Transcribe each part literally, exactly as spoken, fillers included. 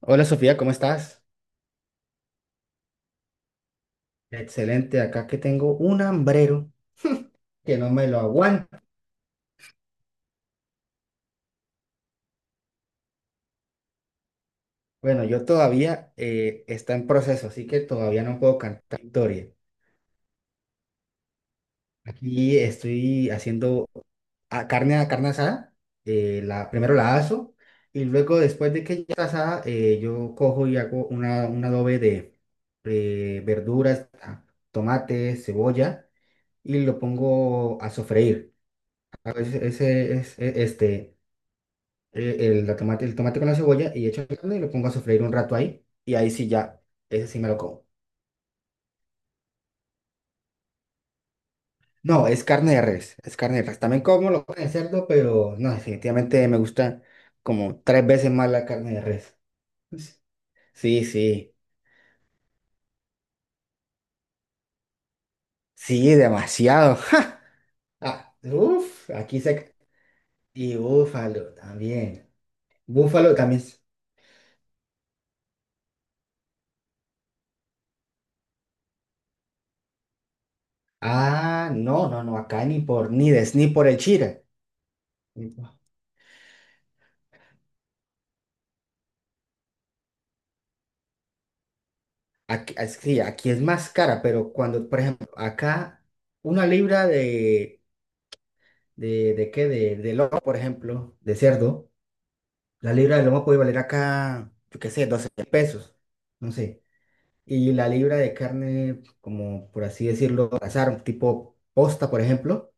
Hola Sofía, ¿cómo estás? Excelente, acá que tengo un hambrero que no me lo aguanta. Bueno, yo todavía eh, está en proceso, así que todavía no puedo cantar victoria. Aquí estoy haciendo a- carne a carne asada, eh, la, primero la aso y luego después de que ya está asada, eh, yo cojo y hago una, un adobe de eh, verduras, ah, tomate, cebolla y lo pongo a sofreír. Ah, Ese, ese es e- este. el el, la tomate, el tomate con la cebolla y echo la carne y lo pongo a sofreír un rato ahí. Y ahí sí ya, ese sí me lo como. No, es carne de res, es carne de res. También como lo de cerdo, pero no, definitivamente me gusta como tres veces más la carne de res. Sí, sí, sí, demasiado. Ah, uf, aquí se... Y búfalo también. Búfalo también. es- Ah, no, no, no, acá ni por, ni des, ni por el chile. Aquí, ah, sí, aquí es más cara, pero cuando, por ejemplo, acá una libra de, de, de qué, de, de lomo, por ejemplo, de cerdo, la libra de lomo puede valer acá, yo qué sé, doce pesos, no sé. Y la libra de carne, como por así decirlo, azar, tipo posta, por ejemplo,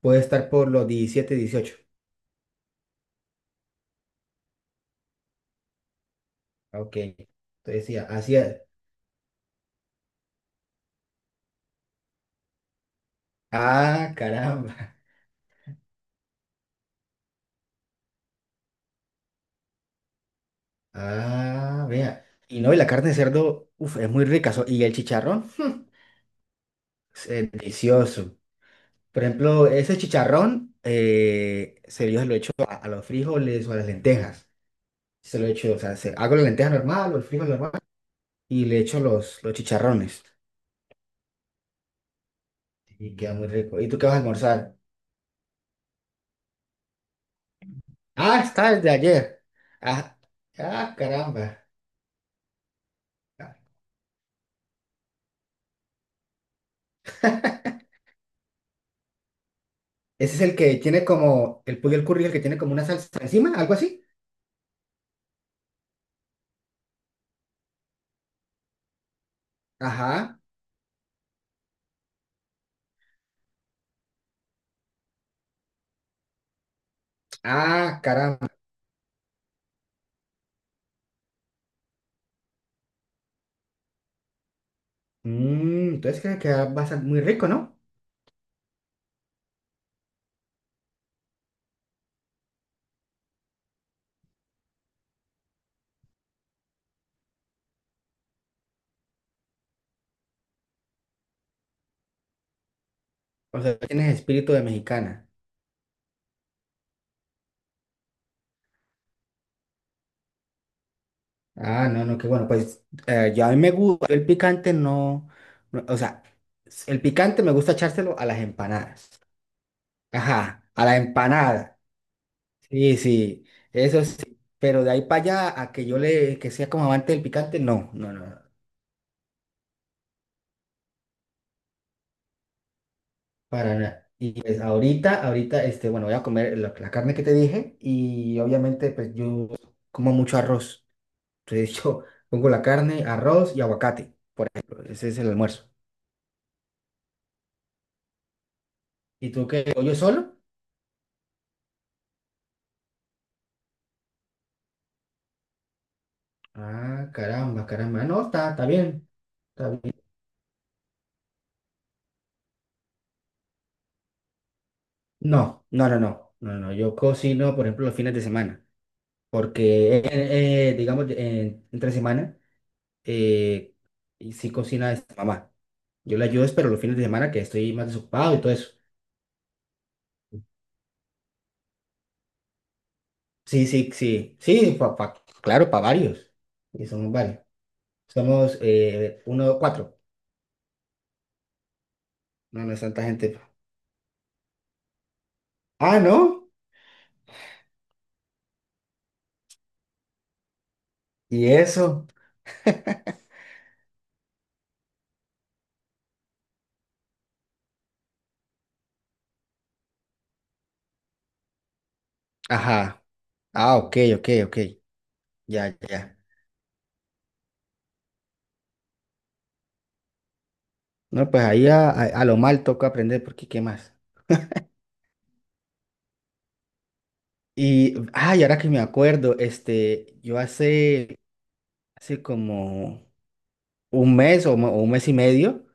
puede estar por los diecisiete dieciocho. Ah, ok, entonces sí, así es. Ah, caramba. Ah, vea. Y no, y la carne de cerdo, uf, es muy rica. So- y el chicharrón. Es, eh, delicioso. Por ejemplo, ese chicharrón, eh, se, yo se lo echo a, a los frijoles o a las lentejas. Se lo echo, o sea, se- hago la lenteja normal o el frijol normal y le echo los, los chicharrones. Y queda muy rico. ¿Y tú qué vas a almorzar? Ah, está el de ayer. Ah, ah, caramba. Ese es el que tiene como, el pollo al curry, el que tiene como una salsa encima, algo así. Ajá. Ah, caramba. Mm, entonces creo que queda bastante muy rico, ¿no? O sea, tienes espíritu de mexicana. Ah, no, no, qué bueno. Pues eh, yo a mí me gusta, el picante no, no, o sea, el picante me gusta echárselo a las empanadas. Ajá, a la empanada. Sí, sí, eso sí. Pero de ahí para allá a que yo le, que sea como amante del picante, no, no, no, no, para nada. Y pues ahorita, ahorita, este, bueno, voy a comer la, la carne que te dije y obviamente pues yo como mucho arroz. Entonces yo pongo la carne, arroz y aguacate. Ese es el almuerzo. ¿Y tú qué? ¿Pollo solo? Ah, caramba, caramba. No, está, está bien, está bien. No, no, no, no, no, no. Yo cocino, por ejemplo, los fines de semana, porque, eh, eh, digamos, eh, entre semana, eh, y sí cocina esta mamá. Yo le ayudo, pero los fines de semana que estoy más desocupado y todo eso. Sí, sí, sí, sí, pa- pa- claro, para varios. Y somos varios. Somos eh, uno, cuatro. No, no es tanta gente. Ah, ¿no? ¿Y eso? Ajá. Ah, ok, ok, ok. Ya, ya. No, pues ahí a, a- a lo mal toca aprender, porque ¿qué más? Y, ay, ahora que me acuerdo, este, yo hace, hace como un mes o, mo- o un mes y medio,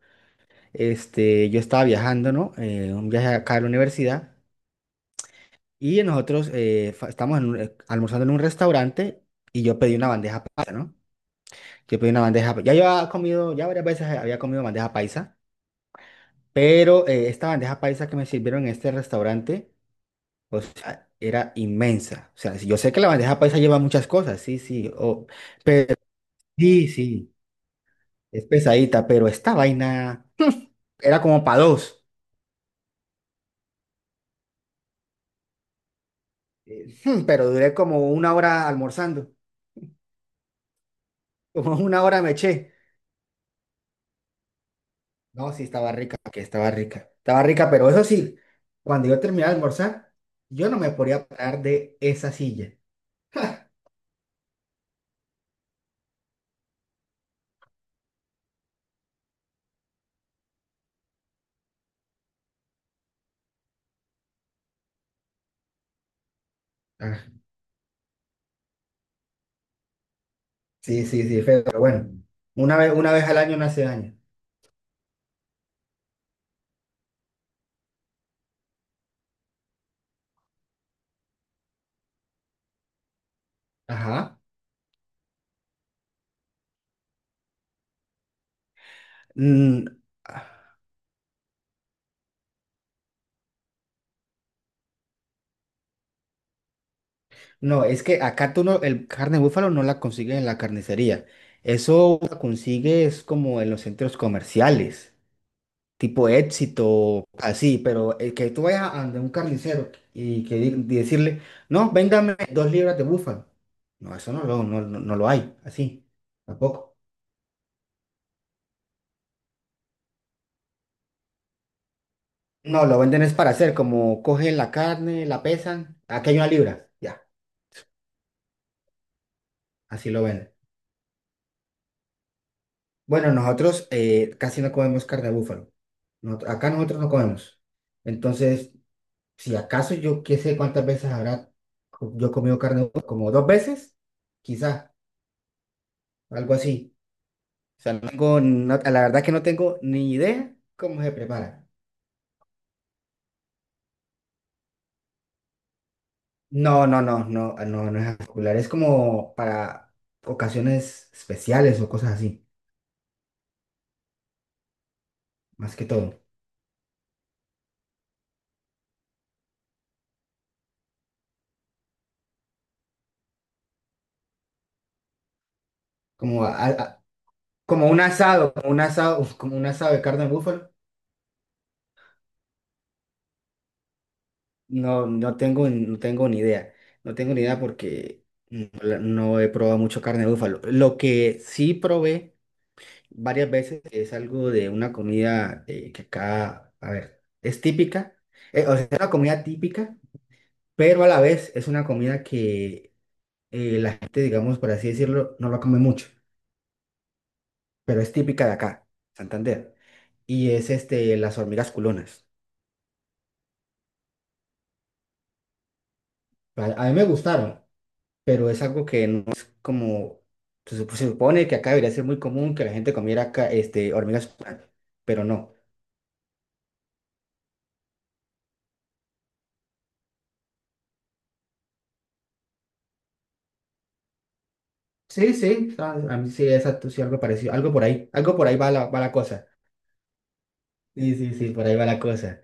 este, yo estaba viajando, ¿no? Eh, un viaje acá a la universidad y nosotros eh, fa- estábamos en un- eh, almorzando en un restaurante y yo pedí una bandeja paisa, ¿no? Yo pedí una bandeja, pa- ya yo había comido, ya varias veces había comido bandeja paisa, pero eh, esta bandeja paisa que me sirvieron en este restaurante, o sea, era inmensa. O sea, si yo sé que la bandeja paisa lleva muchas cosas, sí, sí. O, pero sí, sí, es pesadita, pero esta vaina era como para dos. Eh, hmm, Pero duré como una hora almorzando, como una hora me eché. No, sí, estaba rica, que estaba rica. Estaba rica, pero eso sí, cuando yo terminé de almorzar, yo no me podía parar de esa silla. Ah, sí, sí, sí, feo, pero bueno. Una vez, una vez al año no hace daño. Ajá. Mm, no, es que acá tú no, el carne de búfalo no la consigues en la carnicería. Eso la consigues como en los centros comerciales, tipo Éxito, así, pero el que tú vayas a donde un carnicero y que di- y decirle, no, véngame dos libras de búfalo. No, eso no lo, no, no- no lo hay, así, tampoco. No, lo venden es para hacer, como cogen la carne, la pesan, aquí hay una libra, ya, así lo venden. Bueno, nosotros eh, casi no comemos carne de búfalo. No acá nosotros no comemos. Entonces, si acaso yo qué sé cuántas veces habrá co- yo comido carne de búfalo, como dos veces, quizá, algo así. O sea, no tengo, no- la verdad que no tengo ni idea cómo se prepara. No, no, no, no, no, no es popular. Es como para ocasiones especiales o cosas así, más que todo. Como, a- a- como un asado, como un asado, como un asado de carne de búfalo. No, no tengo, no tengo ni idea. No tengo ni idea porque no, la- no he probado mucho carne de búfalo. Lo que sí probé varias veces es algo de una comida eh, que acá, a ver, es típica. Eh, o sea, es una comida típica, pero a la vez es una comida que eh, la gente, digamos, por así decirlo, no la come mucho, pero es típica de acá, Santander. Y es este, las hormigas culonas. A, a mí me gustaron. Pero es algo que no es como, se, sup- se supone que acá debería ser muy común que la gente comiera ca- este, hormigas, pupas, pero no. Sí, sí, está- a mí sí, exacto, sí, algo parecido, algo por ahí, algo por ahí va la, va la cosa. Sí, sí, sí, por ahí va la cosa,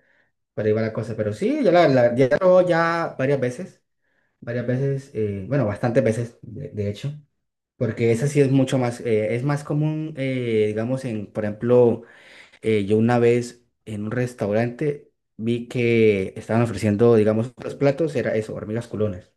por ahí va la cosa, pero sí, yo la, la- ya la ya varias veces, varias veces, eh, bueno, bastantes veces, de, de hecho, porque esa sí es mucho más, eh, es más común, eh, digamos, en, por ejemplo, eh, yo una vez en un restaurante vi que estaban ofreciendo, digamos, los platos, era eso, hormigas culones.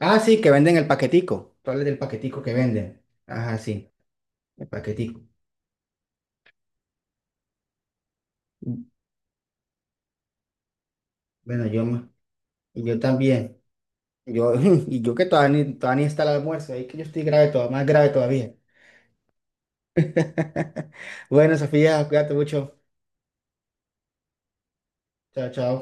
Ah, sí, que venden el paquetico. Tú hablas del paquetico que venden. Ajá, sí, el paquetico. Bueno, yo, ma- y yo también. Yo, y yo que todavía ni, todavía ni está el almuerzo, ahí que yo estoy grave todavía, más grave todavía. Bueno, Sofía, cuídate mucho. Chao, chao.